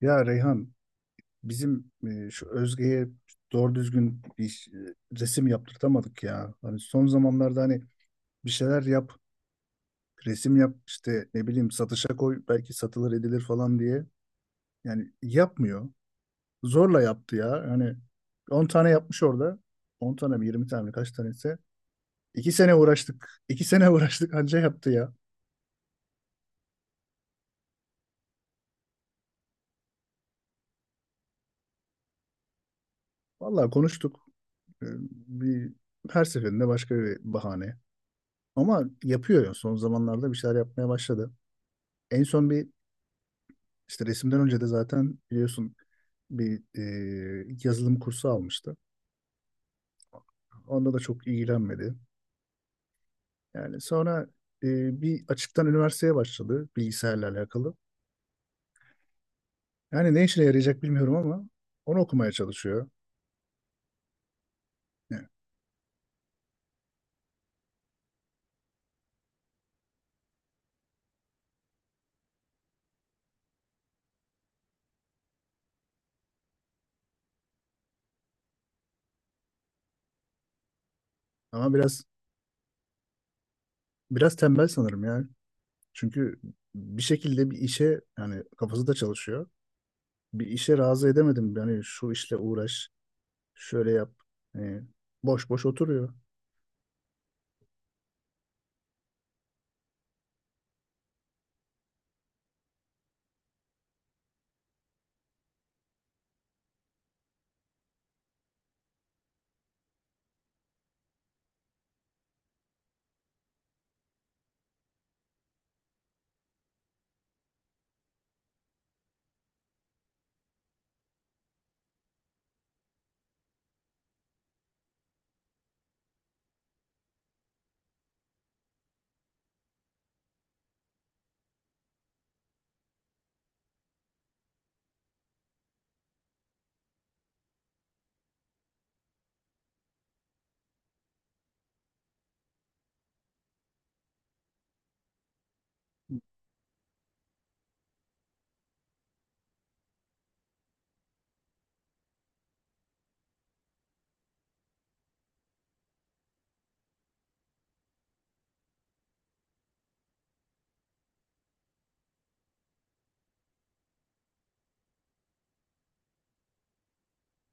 Ya Reyhan, bizim şu Özge'ye doğru düzgün bir resim yaptırtamadık ya. Hani son zamanlarda hani bir şeyler yap, resim yap, işte ne bileyim satışa koy, belki satılır edilir falan diye. Yani yapmıyor. Zorla yaptı ya. Hani 10 tane yapmış orada. 10 tane mi 20 tane mi kaç tanesi? 2 sene uğraştık. 2 sene uğraştık, anca yaptı ya. Vallahi konuştuk. E, bir, her seferinde başka bir bahane. Ama yapıyor ya, son zamanlarda bir şeyler yapmaya başladı. En son bir işte resimden önce de zaten biliyorsun bir yazılım kursu almıştı. Onda da çok ilgilenmedi. Yani sonra bir açıktan üniversiteye başladı bilgisayarla alakalı. Yani ne işine yarayacak bilmiyorum ama onu okumaya çalışıyor. Yani, ama biraz tembel sanırım ya. Çünkü bir şekilde bir işe, yani kafası da çalışıyor. Bir işe razı edemedim. Yani şu işle uğraş, şöyle yap. Hani boş boş oturuyor.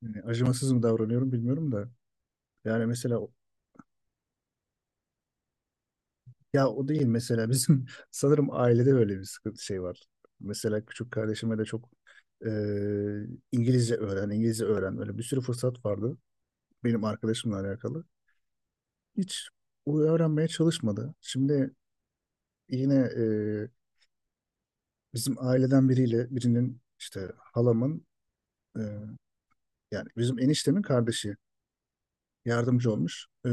Yani acımasız mı davranıyorum bilmiyorum da. Yani mesela ya o değil, mesela bizim sanırım ailede böyle bir sıkıntı şey var. Mesela küçük kardeşime de çok İngilizce öğren, İngilizce öğren. Böyle bir sürü fırsat vardı benim arkadaşımla alakalı. Hiç o öğrenmeye çalışmadı. Şimdi yine bizim aileden biriyle birinin, işte halamın e, yani bizim eniştemin kardeşi yardımcı olmuş. E,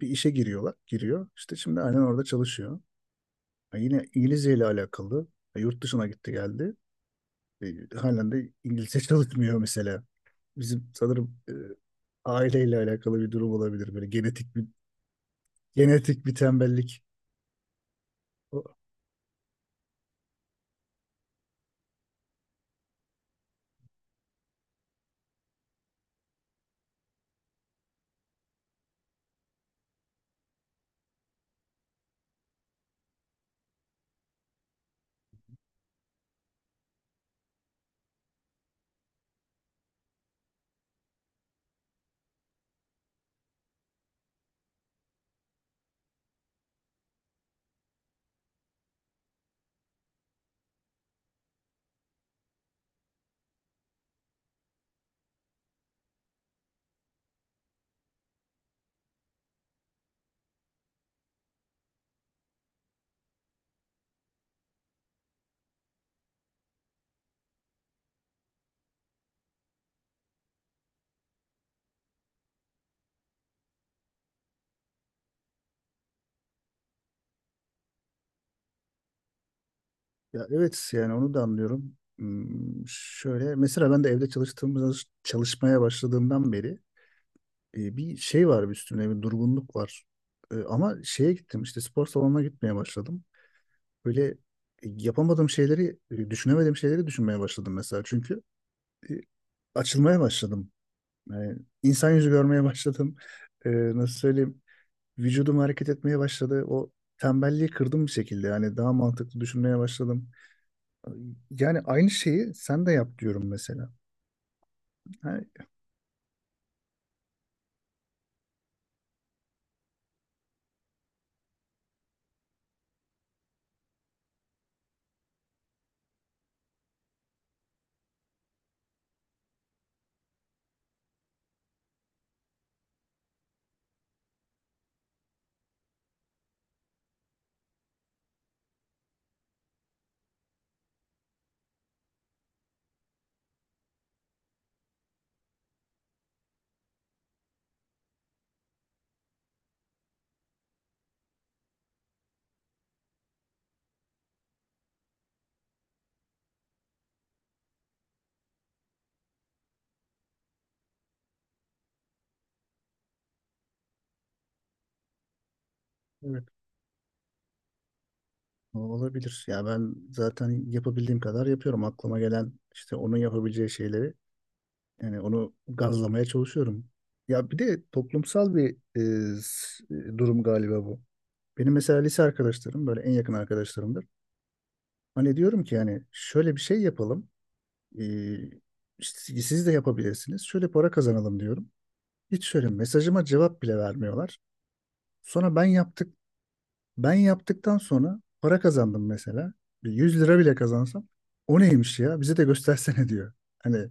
bir işe giriyorlar. Giriyor. İşte şimdi aynen orada çalışıyor. Ha, yine İngilizce ile alakalı. Ha, yurt dışına gitti geldi. E, halen de İngilizce çalışmıyor mesela. Bizim sanırım aileyle alakalı bir durum olabilir. Böyle genetik bir tembellik. O- Ya evet, yani onu da anlıyorum. Şöyle mesela ben de evde çalışmaya başladığımdan beri bir şey var, bir üstümde bir durgunluk var. E, ama şeye gittim, işte spor salonuna gitmeye başladım. Böyle yapamadığım şeyleri, düşünemediğim şeyleri düşünmeye başladım mesela. Çünkü e, açılmaya başladım. Yani insan yüzü görmeye başladım. E, nasıl söyleyeyim? Vücudum hareket etmeye başladı. O tembelliği kırdım bir şekilde. Yani daha mantıklı düşünmeye başladım. Yani aynı şeyi sen de yap diyorum mesela. Yani, olabilir. Ya ben zaten yapabildiğim kadar yapıyorum. Aklıma gelen işte onun yapabileceği şeyleri, yani onu gazlamaya çalışıyorum. Ya bir de toplumsal bir durum galiba bu. Benim mesela lise arkadaşlarım böyle en yakın arkadaşlarımdır. Hani diyorum ki, yani şöyle bir şey yapalım. Ee, işte siz de yapabilirsiniz. Şöyle para kazanalım diyorum. Hiç şöyle mesajıma cevap bile vermiyorlar. Sonra ben yaptık Ben yaptıktan sonra para kazandım mesela. Bir 100 lira bile kazansam, o neymiş ya, bize de göstersene diyor. Hani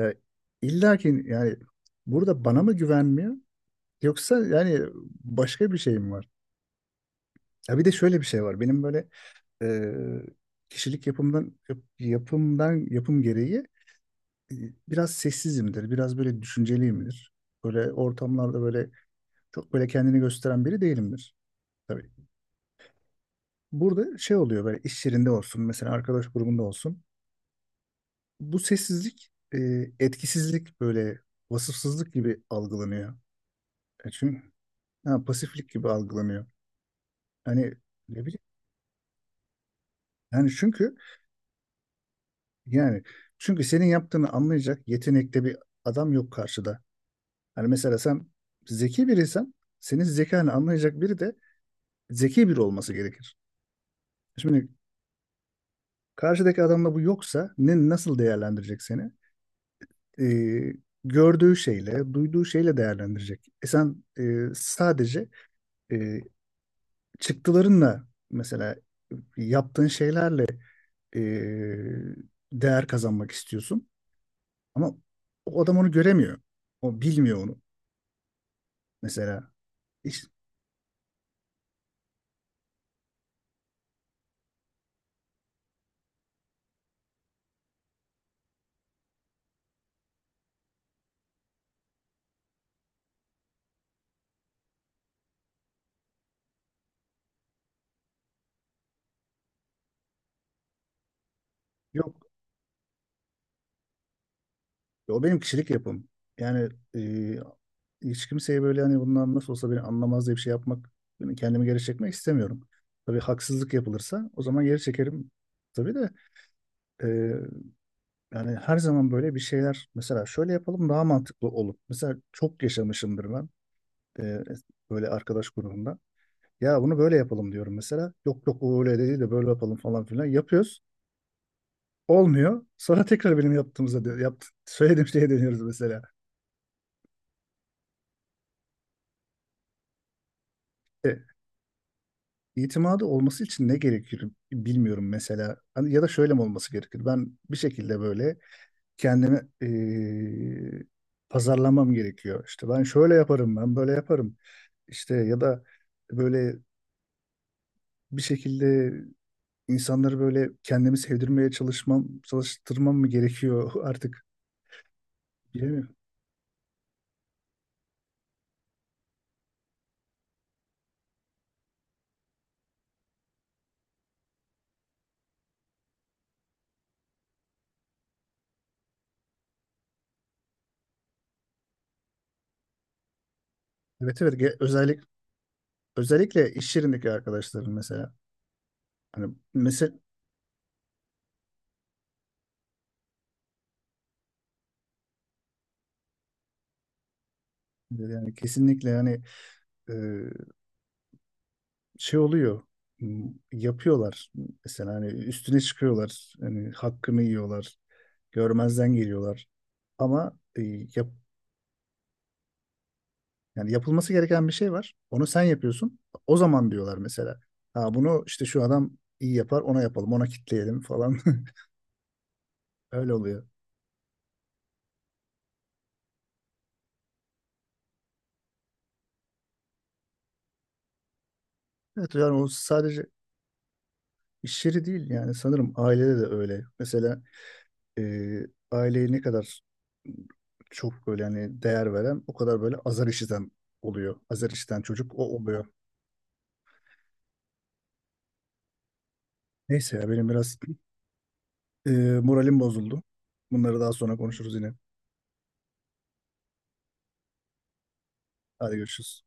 e, illa ki yani burada bana mı güvenmiyor, yoksa yani başka bir şey mi var? Ya bir de şöyle bir şey var. Benim böyle e, kişilik yapımdan yap- yapımdan yapım gereği e, biraz sessizimdir. Biraz böyle düşünceliyimdir. Böyle ortamlarda böyle çok böyle kendini gösteren biri değilimdir. Tabii. Burada şey oluyor, böyle iş yerinde olsun, mesela arkadaş grubunda olsun. Bu sessizlik, etkisizlik, böyle vasıfsızlık gibi algılanıyor. E çünkü ha, pasiflik gibi algılanıyor. Hani ne bileyim, yani çünkü yani senin yaptığını anlayacak yetenekte bir adam yok karşıda. Hani mesela sen zeki biriysen, senin zekanı anlayacak biri de zeki biri olması gerekir. Şimdi karşıdaki adamda bu yoksa, nasıl değerlendirecek seni? e, Gördüğü şeyle, duyduğu şeyle değerlendirecek. E sen, sadece e, çıktılarınla, mesela yaptığın şeylerle e, değer kazanmak istiyorsun. Ama o adam onu göremiyor. O bilmiyor onu. Mesela hiç, yok, o benim kişilik yapım. Yani e, hiç kimseye böyle, hani bundan nasıl olsa beni anlamaz diye bir şey yapmak, yani kendimi geri çekmek istemiyorum. Tabii haksızlık yapılırsa o zaman geri çekerim, tabii de. Yani her zaman böyle bir şeyler, mesela şöyle yapalım, daha mantıklı olup mesela çok yaşamışımdır ben e, böyle arkadaş grubunda. Ya bunu böyle yapalım diyorum mesela. Yok yok, o öyle değil de böyle yapalım falan filan. Yapıyoruz. Olmuyor. Sonra tekrar benim söylediğim şeye dönüyoruz mesela. E, itimadı olması için ne gerekir bilmiyorum mesela. Hani ya da şöyle mi olması gerekir? Ben bir şekilde böyle kendimi pazarlamam gerekiyor. İşte ben şöyle yaparım, ben böyle yaparım. İşte ya da böyle bir şekilde insanları böyle kendimi sevdirmeye çalışmam, çalıştırmam mı gerekiyor artık bilemiyorum. Evet, evet. Özellikle iş yerindeki arkadaşlarım, mesela hani mesela yani kesinlikle hani eee, şey oluyor, yapıyorlar mesela. Hani üstüne çıkıyorlar, hani hakkını yiyorlar, görmezden geliyorlar. Ama yap, yani yapılması gereken bir şey var. Onu sen yapıyorsun. O zaman diyorlar mesela. Ha, bunu işte şu adam iyi yapar, ona yapalım, ona kitleyelim falan. Öyle oluyor. Evet, yani o sadece iş yeri değil, yani sanırım ailede de öyle. Mesela e, aileyi ne kadar çok böyle hani değer veren, o kadar böyle azar işiten oluyor. Azar işiten çocuk o oluyor. Neyse ya, benim biraz e, moralim bozuldu. Bunları daha sonra konuşuruz yine. Hadi görüşürüz.